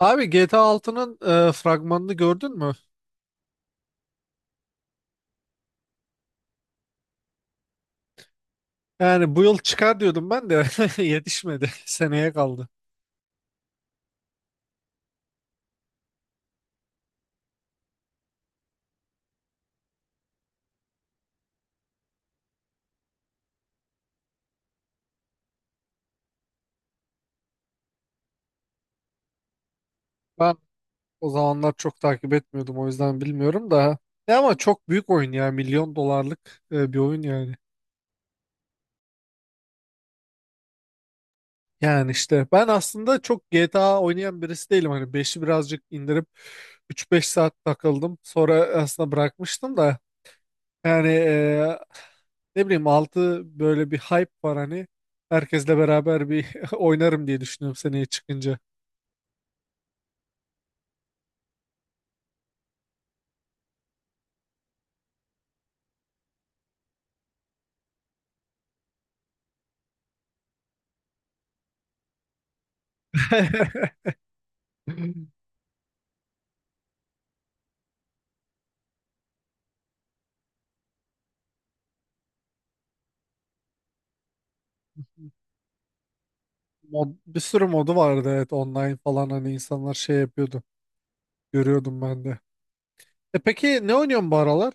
Abi GTA altının fragmanını gördün mü? Yani bu yıl çıkar diyordum ben de yetişmedi. Seneye kaldı. Ben o zamanlar çok takip etmiyordum, o yüzden bilmiyorum da. Ya ama çok büyük oyun ya. Milyon dolarlık bir oyun yani. Yani işte ben aslında çok GTA oynayan birisi değilim. Hani beşi birazcık indirip 3-5 saat takıldım. Sonra aslında bırakmıştım da. Yani ne bileyim altı böyle bir hype var hani. Herkesle beraber bir oynarım diye düşünüyorum seneye çıkınca. Mod, bir sürü modu vardı, evet, online falan, hani insanlar şey yapıyordu. Görüyordum ben de. E peki, ne oynuyorsun bu aralar?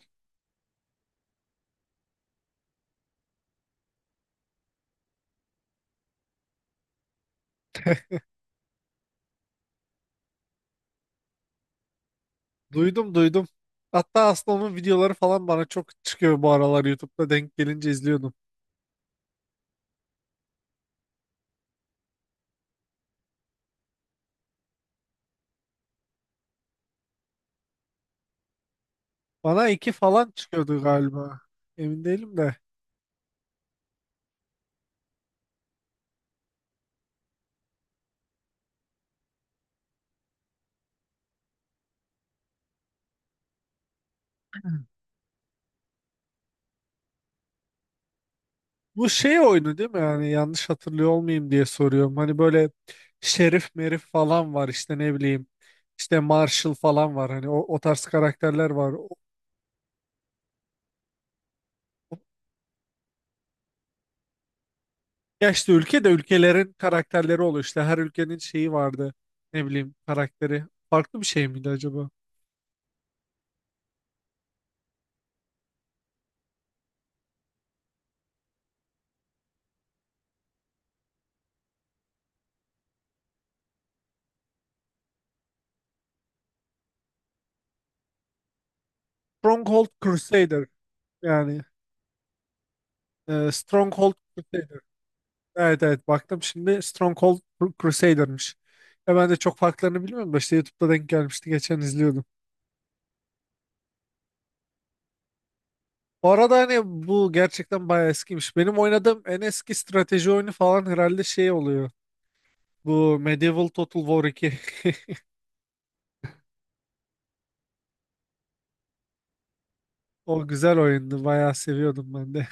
Duydum, duydum. Hatta aslında onun videoları falan bana çok çıkıyor bu aralar, YouTube'da denk gelince izliyordum. Bana iki falan çıkıyordu galiba. Emin değilim de. Bu şey oyunu değil mi? Yani yanlış hatırlıyor olmayayım diye soruyorum. Hani böyle şerif merif falan var, işte, ne bileyim. İşte Marshall falan var. Hani o tarz karakterler var. Ya işte ülke de ülkelerin karakterleri oluyor. İşte her ülkenin şeyi vardı. Ne bileyim, karakteri. Farklı bir şey miydi acaba? Stronghold Crusader. Yani Stronghold Crusader. Evet, evet, baktım şimdi, Stronghold Crusader'mış. Ya ben de çok farklarını bilmiyorum da, işte YouTube'da denk gelmişti. Geçen izliyordum. Bu arada hani bu gerçekten bayağı eskiymiş. Benim oynadığım en eski strateji oyunu falan herhalde, şey oluyor. Bu Medieval Total War 2. O güzel oyundu. Bayağı seviyordum ben de.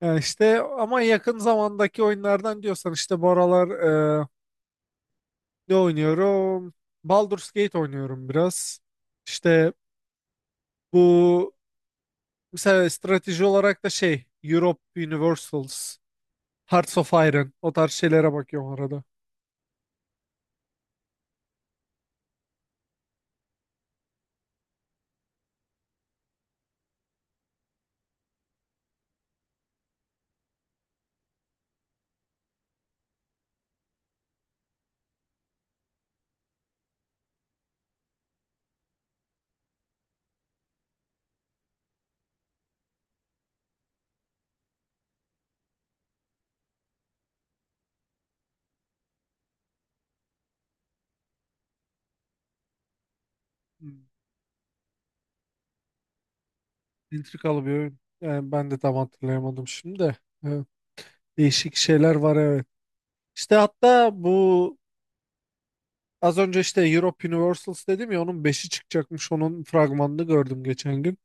Yani işte ama yakın zamandaki oyunlardan diyorsan işte bu aralar e, ne oynuyorum? Baldur's Gate oynuyorum biraz. İşte bu, mesela strateji olarak da şey, Europe Universals, Hearts of Iron, o tarz şeylere bakıyorum arada. Hmm. Entrikalı bir oyun. Yani ben de tam hatırlayamadım şimdi de. Evet. Değişik şeyler var, evet. İşte hatta bu, az önce işte Europe Universals dedim ya, onun beşi çıkacakmış. Onun fragmanını gördüm geçen gün.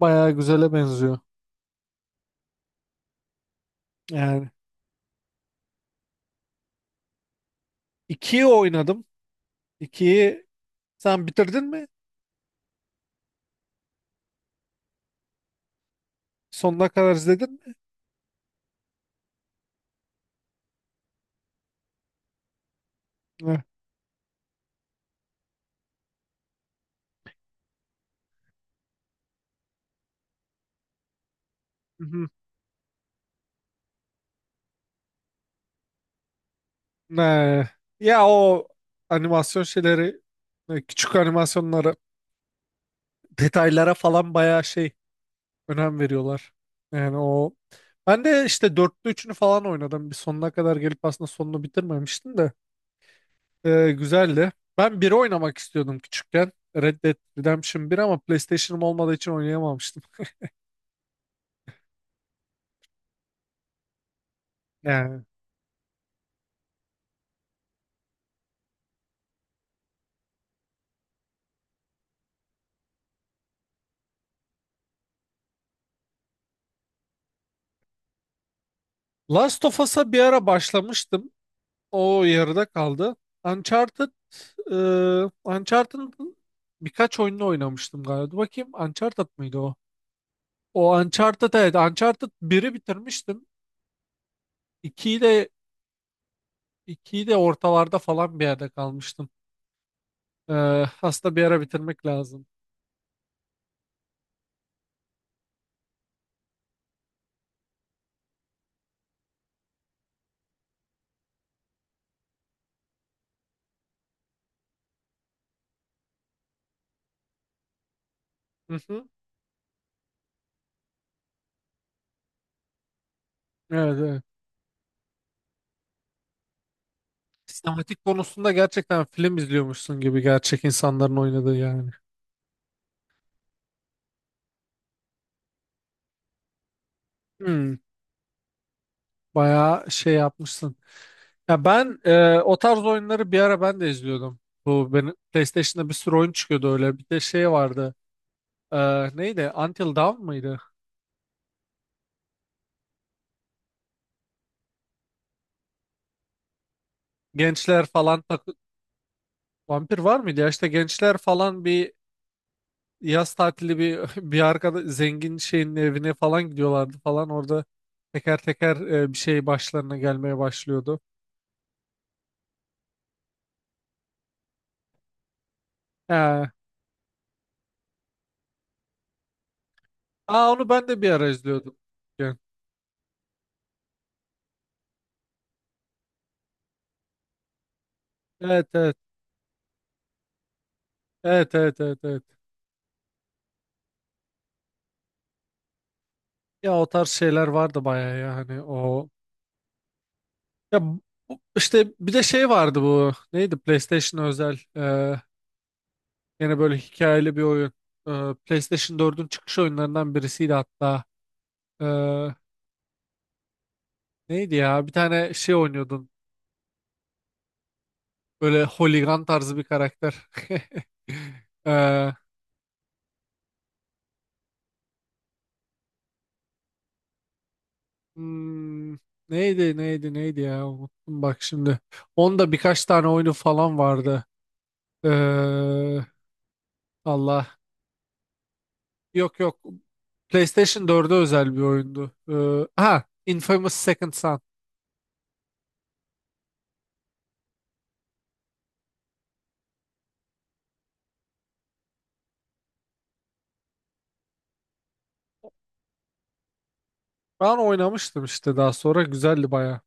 Bayağı güzele benziyor. Yani 2'yi oynadım. 2'yi sen bitirdin mi? Sonuna kadar izledin mi? Ne? Hı. Ne? Ya o animasyon şeyleri, küçük animasyonları, detaylara falan bayağı şey, önem veriyorlar. Yani o, ben de işte dörtlü üçünü falan oynadım. Bir sonuna kadar gelip aslında sonunu bitirmemiştim de. Güzeldi. Ben biri oynamak istiyordum küçükken. Red Dead Redemption 1, ama PlayStation'ım olmadığı için oynayamamıştım. Yani Last of Us'a bir ara başlamıştım. O yarıda kaldı. Uncharted, e, Uncharted'ın birkaç oyununu oynamıştım galiba. Dur bakayım, Uncharted mıydı o? O Uncharted, evet, Uncharted biri bitirmiştim. 2'yi de İkiyi de ortalarda falan bir yerde kalmıştım. Aslında bir ara bitirmek lazım. Hı hı. Evet, evet. Sinematik konusunda gerçekten film izliyormuşsun gibi, gerçek insanların oynadığı yani. Hmm, bayağı şey yapmışsın. Ya ben, o tarz oyunları bir ara ben de izliyordum. Bu benim PlayStation'da bir sürü oyun çıkıyordu öyle. Bir de şey vardı. E, neydi? Until Dawn mıydı? Gençler falan takı- Vampir var mıydı? Ya işte gençler falan, bir yaz tatili, bir bir arkada zengin şeyin evine falan gidiyorlardı falan, orada teker teker bir şey başlarına gelmeye başlıyordu. He. Aa, onu ben de bir ara izliyordum. Yani. Evet, evet, evet, evet, evet, evet. Ya o tarz şeyler vardı bayağı ya, hani o ya işte bir de şey vardı, bu neydi, PlayStation özel yine böyle hikayeli bir oyun. PlayStation 4'ün çıkış oyunlarından birisiydi hatta. E, neydi ya, bir tane şey oynuyordun. Böyle holigan tarzı bir karakter. Ee, hmm, neydi neydi neydi ya, unuttum bak şimdi. Onda birkaç tane oyunu falan vardı. Ee, Allah. Yok, yok. PlayStation 4'e özel bir oyundu. Ha, Infamous Second Son. Ben oynamıştım işte daha sonra. Güzeldi baya.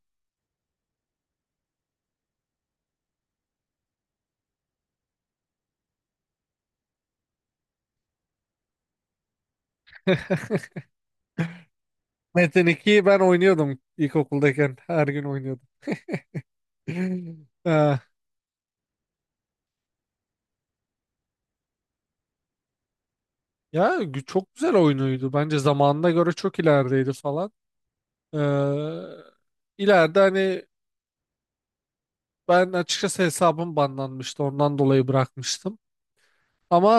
Metin 2'yi ben oynuyordum ilkokuldayken. Her gün oynuyordum. Ee, ya çok güzel oyunuydu. Bence zamanına göre çok ilerideydi falan. Ee, ileride hani ben, açıkçası, hesabım banlanmıştı. Ondan dolayı bırakmıştım. Ama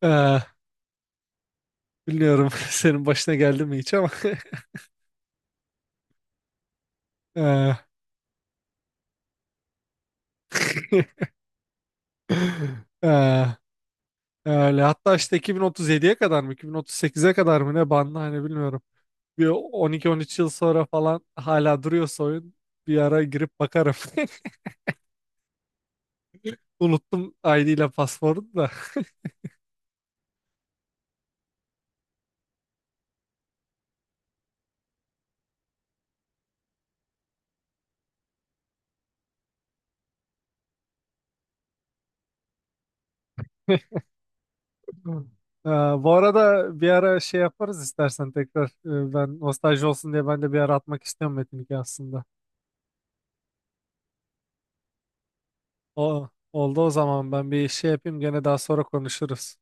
e, e, bilmiyorum senin başına geldi mi hiç, ama e, e, öyle. Hatta işte 2037'ye kadar mı 2038'e kadar mı ne banlı, hani bilmiyorum. Bir 12-13 yıl sonra falan hala duruyorsa oyun, bir ara girip bakarım. Unuttum ID ile pasportu da. Hı. Ee, bu arada bir ara şey yaparız istersen tekrar. Ben nostalji olsun diye ben de bir ara atmak istiyorum Metin 2 aslında. O, oldu o zaman, ben bir şey yapayım, gene daha sonra konuşuruz.